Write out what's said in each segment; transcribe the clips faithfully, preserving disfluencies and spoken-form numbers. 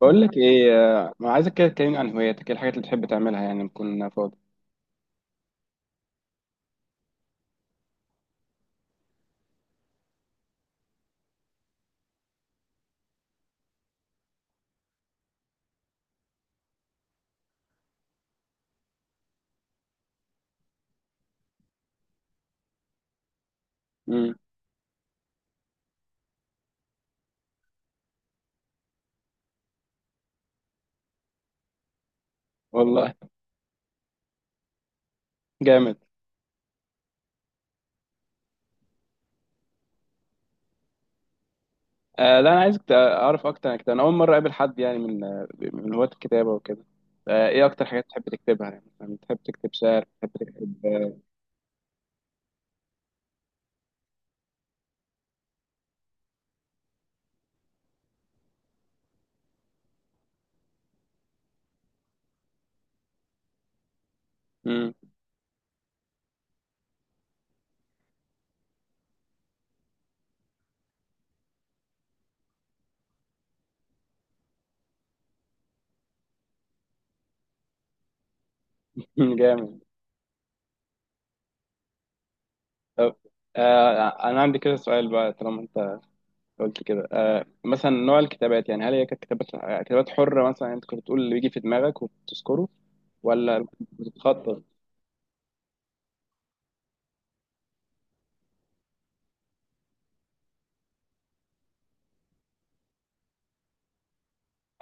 بقول لك ايه. آه، ما عايزك كده تكلمني عن هواياتك، ايه الحاجات اللي بتحب تعملها يعني لما تكون فاضي؟ امم. والله، جامد. آه لا، انا عايزك تع- اعرف اكتر عن كده. انا اول مره اقابل حد يعني من آه، من هواة الكتابه وكده. آه، ايه اكتر حاجات بتحب تكتبها؟ يعني مثلا بتحب تكتب شعر، بتحب تكتب؟ امم. جامد. طب آه، انا عندي كده سؤال بقى. طالما انت قلت كده، آه مثلا نوع الكتابات يعني هل هي كانت كتابات آه، كتابات حره، مثلا انت كنت بتقول اللي بيجي في دماغك وبتذكره ولا بتتخطط؟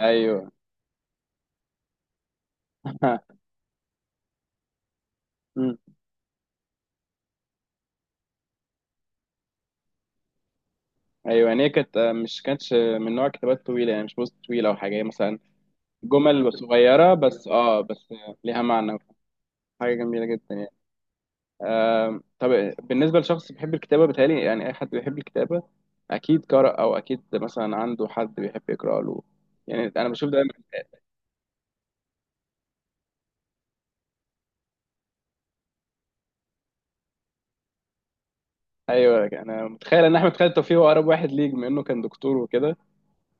ايوه. مم. ايوه يعني هي كانت آه، مش كانتش من نوع كتابات طويله، يعني مش بوست طويل او حاجه، هي مثلا جمل صغيره بس، اه بس ليها معنى. حاجه جميله جدا يعني. آم، طب بالنسبه لشخص بيحب الكتابه، بيتهيألي يعني اي حد بيحب الكتابه اكيد قرأ، او اكيد مثلا عنده حد بيحب يقرأ له. يعني انا بشوف دايما. ايوه، انا متخيل ان احمد خالد توفيق هو اقرب واحد ليك، بما انه كان دكتور وكده،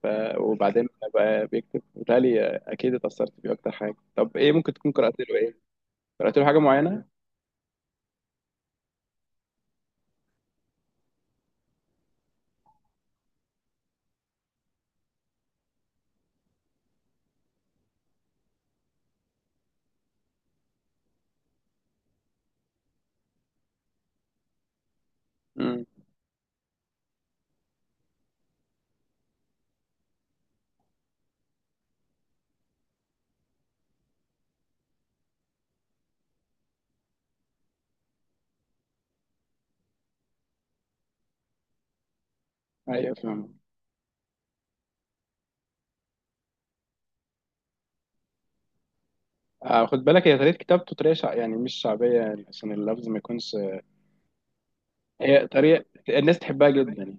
ف... وبعدين بقى بيكتب، بالتالي اكيد اتأثرت بيه اكتر حاجه. طب ايه ممكن تكون قرأت له ايه؟ قرأت له حاجه معينه؟ ايوه فاهم. آه خد بالك، هي طريقه كتابته طريقه شع... يعني مش شعبيه، يعني عشان اللفظ ما يكونش. هي طريقه الناس تحبها جدا يعني.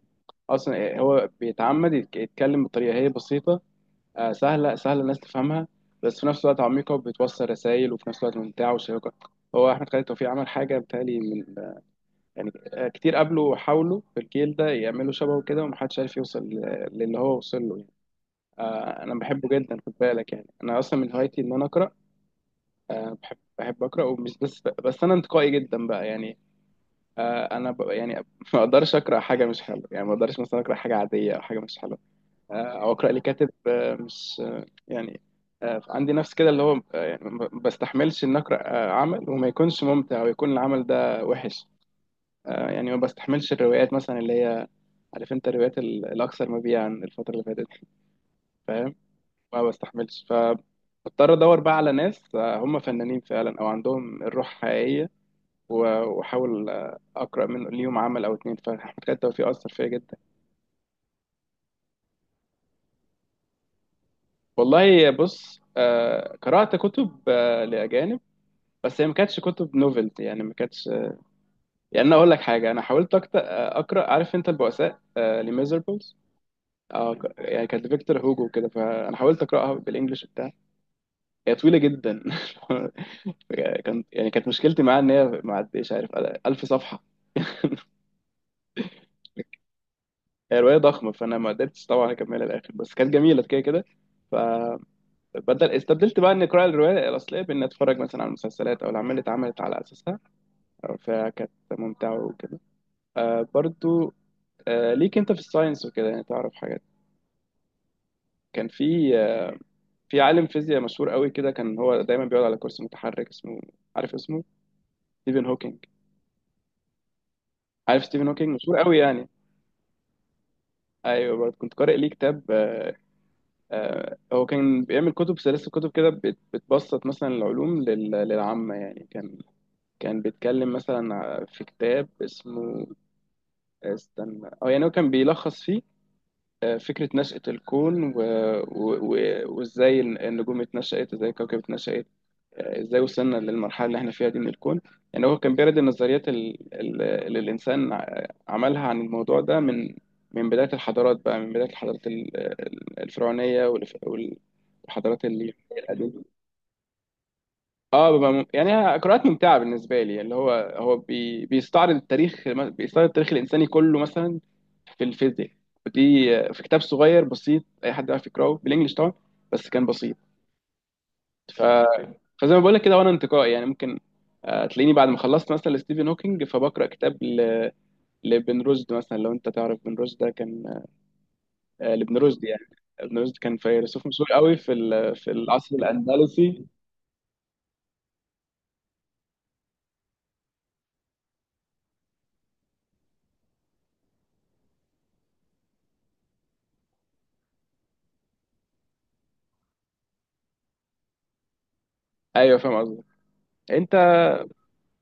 اصلا هو بيتعمد يتك- يتكلم بطريقه هي بسيطه، آه سهله، سهله الناس تفهمها، بس في نفس الوقت عميقه وبتوصل رسائل، وفي نفس الوقت ممتعه وشيقه. هو احمد خالد توفيق عمل حاجه بتالي من، يعني آه، كتير قبله حاولوا في الجيل ده يعملوا شبهه كده، ومحدش عارف يوصل ل- للي هو وصل له يعني. آه انا بحبه جدا، خد بالك يعني انا اصلا من هوايتي ان انا اقرا. آه، بحب بحب اقرا، ومش بس بس انا انتقائي جدا بقى يعني. آه، انا ب... يعني ما اقدرش اقرا حاجه مش حلوه، يعني ما اقدرش مثلا اقرا حاجه عاديه او حاجه مش حلوه، آه، او اقرا لكاتب آه، مش آه، يعني آه، عندي نفس كده اللي هو آه، يعني ما بستحملش ان اقرا آه، عمل وما يكونش ممتع ويكون العمل ده وحش. آه، يعني ما بستحملش الروايات مثلا اللي هي، عارف انت الروايات ال- الاكثر مبيعا الفتره اللي فاتت دي، فاهم؟ ما بستحملش. ف بضطر ادور بقى على ناس آه، هم فنانين فعلا او عندهم الروح حقيقيه، و- واحاول آه، اقرا منه ليهم عمل او اتنين. فاحمد خالد توفيق اثر فيا جدا. والله بص، آه، قرات كتب آه، لاجانب، بس هي ما كانتش كتب نوفلز يعني ما كانتش. يعني انا اقول لك حاجه، انا حاولت أكت- آه، اقرا، عارف انت البؤساء، آه، لميزربلز. اه ك- يعني كانت لفيكتور هوجو كده، فانا حاولت اقراها بالانجلش بتاع. هي طويله جدا كان يعني كانت مشكلتي معاها ان هي ما عدتش، عارف، ألف صفحه. هي روايه ضخمه فانا ما قدرتش طبعا اكملها للاخر، بس كانت جميله كده كده. ف بدل استبدلت بقى اني اقرا الروايه الاصليه باني اتفرج مثلا على المسلسلات او الاعمال اللي اتعملت على اساسها، فكانت ممتعه وكده. آه برضو، آه ليك انت في الساينس وكده يعني تعرف حاجات. كان في آه في عالم فيزياء مشهور قوي كده، كان هو دايما بيقعد على كرسي متحرك، اسمه، عارف اسمه، ستيفن هوكينج. عارف ستيفن هوكينج مشهور قوي يعني. ايوه برضه كنت قارئ ليه كتاب آه. آه هو كان بيعمل كتب، سلاسل كتب كده، بت- بتبسط مثلا العلوم لل- للعامه يعني. كان كان بيتكلم مثلا في كتاب اسمه، استنى، او يعني هو كان بيلخص فيه آه، فكرة نشأة الكون و... و... و... وازاي النجوم اتنشأت، ازاي الكوكب اتنشأت، آه، ازاي وصلنا للمرحلة اللي احنا فيها دي من الكون. يعني هو كان بيرد النظريات ال- ال- اللي الإنسان ع- عملها عن الموضوع ده، من من بداية الحضارات بقى، من بداية الحضارات ال- ال- الفرعونية، والف- والحضارات اليونانية القديمة. اه ببقى مم- يعني قراءات ممتعه بالنسبه لي، اللي هو هو بي بيستعرض التاريخ، بيستعرض التاريخ الانساني كله مثلا في الفيزياء. ودي في كتاب صغير بسيط اي حد يعرف يقراه بالانجلش طبعا، بس كان بسيط. ف فزي ما بقول لك كده، وانا انتقائي يعني ممكن آه، تلاقيني بعد ما خلصت مثلا لستيفن هوكينج، فبقرا كتاب ل... لابن رشد مثلا. لو انت تعرف ابن رشد، ده كان آه، لابن رشد يعني. ابن رشد كان فيلسوف مشهور قوي في ال... في العصر الاندلسي. ايوه فاهم قصدك. انت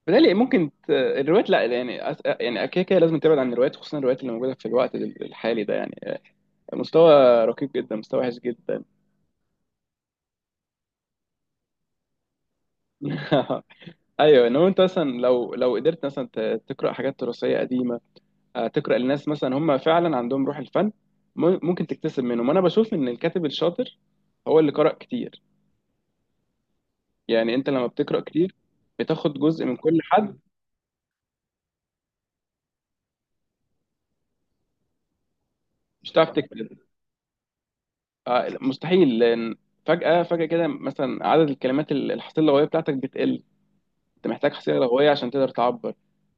بالتالي ممكن ت... الروايات، لا يعني أس- يعني كده كده لازم تبعد عن الروايات، خصوصا الروايات اللي موجوده في الوقت ال- الحالي ده يعني، مستوى ركيك جدا، مستوى وحش جدا. ايوه، انما انت مثلا لو لو قدرت مثلا ت- تقرا حاجات تراثيه قديمه، آه، تقرا لناس مثلا هم فعلا عندهم روح الفن، م- ممكن تكتسب منهم. انا بشوف ان الكاتب الشاطر هو اللي قرأ كتير. يعني انت لما بتقرأ كتير بتاخد جزء من كل حد. مش هتعرف تكتب، آه، مستحيل، لان فجأة فجأة كده مثلا عدد الكلمات، ال- الحصيلة اللغوية بتاعتك بتقل. انت محتاج حصيلة لغوية عشان تقدر تعبر.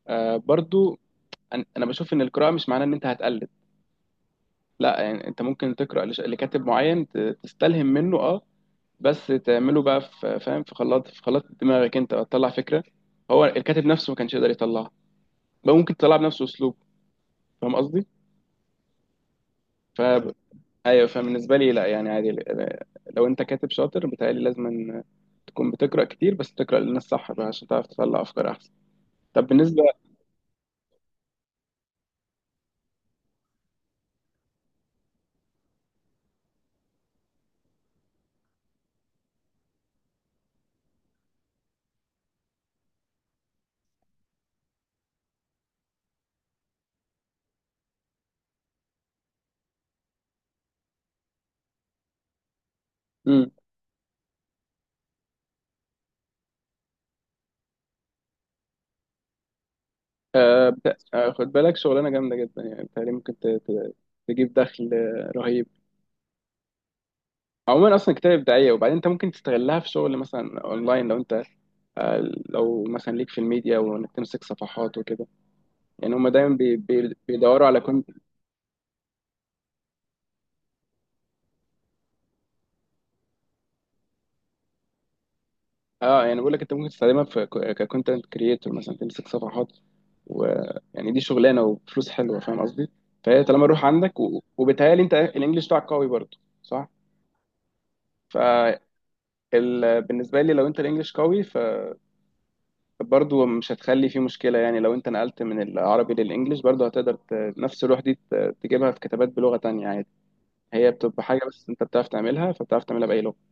آه، برضو أن- انا بشوف ان القراءة مش معناه ان انت هتقلد، لا، يعني انت ممكن تقرأ لش- لكاتب معين ت- تستلهم منه، اه، بس تعمله بقى في، فاهم، في خلاط، في خلاط دماغك انت، تطلع فكرة هو الكاتب نفسه ما كانش يقدر يطلعها، بقى ممكن تطلع بنفس اسلوبه. فاهم قصدي؟ ف- ايوه، فبالنسبه لي لا يعني عادي. لو انت كاتب شاطر بتهيألي لازم أن تكون بتقرا كتير، بس تقرا للناس صح بقى عشان تعرف تطلع افكار احسن. طب بالنسبه. امم. آه بت- آه، خد بالك، شغلانه جامده جدا يعني، بتهيألي ممكن ت- ت- تجيب دخل آه، رهيب. عموما اصلا كتاب ابداعيه، وبعدين انت ممكن تستغلها في شغل مثلا اونلاين، لو انت آه، لو مثلا ليك في الميديا وانك تمسك صفحات وكده. يعني هم دايما بي- بي- بيدوروا على، اه. يعني بقول لك انت ممكن تستخدمها في، ككونتنت كريتور مثلا، تمسك صفحات، ويعني دي شغلانه وفلوس حلوه، فاهم قصدي. فهي طالما الروح عندك و... وبيتهيألي انت الانجليش بتاعك قوي برضه صح. فبالنسبه لي لو انت الانجليش قوي، فبرضه مش هتخلي فيه مشكله، يعني لو انت نقلت من العربي للانجليش برضه هتقدر ت... نفس الروح دي ت... تجيبها في كتابات بلغه تانية عادي. هي بتبقى حاجه بس انت بتعرف تعملها، فبتعرف تعملها باي لغه.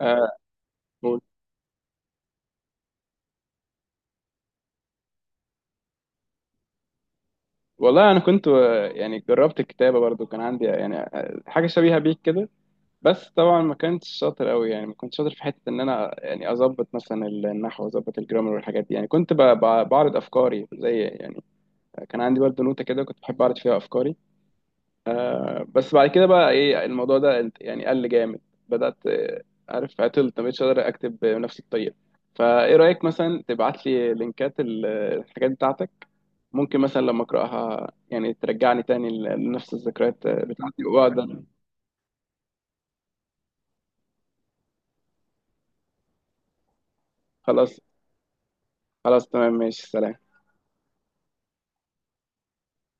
آه والله انا كنت آه، يعني جربت الكتابه برضو، كان عندي يعني آه، حاجه شبيهه بيك كده. بس طبعا ما كنتش شاطر قوي، يعني ما كنتش شاطر في حته ان انا يعني اظبط مثلا النحو واظبط الجرامر والحاجات دي، يعني كنت ب- ب- بعرض افكاري زي يعني، كان عندي برضو نوتة كده كنت بحب اعرض فيها افكاري. بس بعد كده بقى ايه الموضوع ده انت- يعني قل جامد. بدأت آه، عارف، عطلت، ما بقتش قادر اكتب بنفس الطريقة. فايه رأيك مثلا تبعت لي لينكات ال- الحاجات بتاعتك، ممكن مثلا لما اقراها يعني ترجعني تاني لنفس الذكريات بتاعتي واقدر. خلاص، خلاص تمام، ماشي، سلام.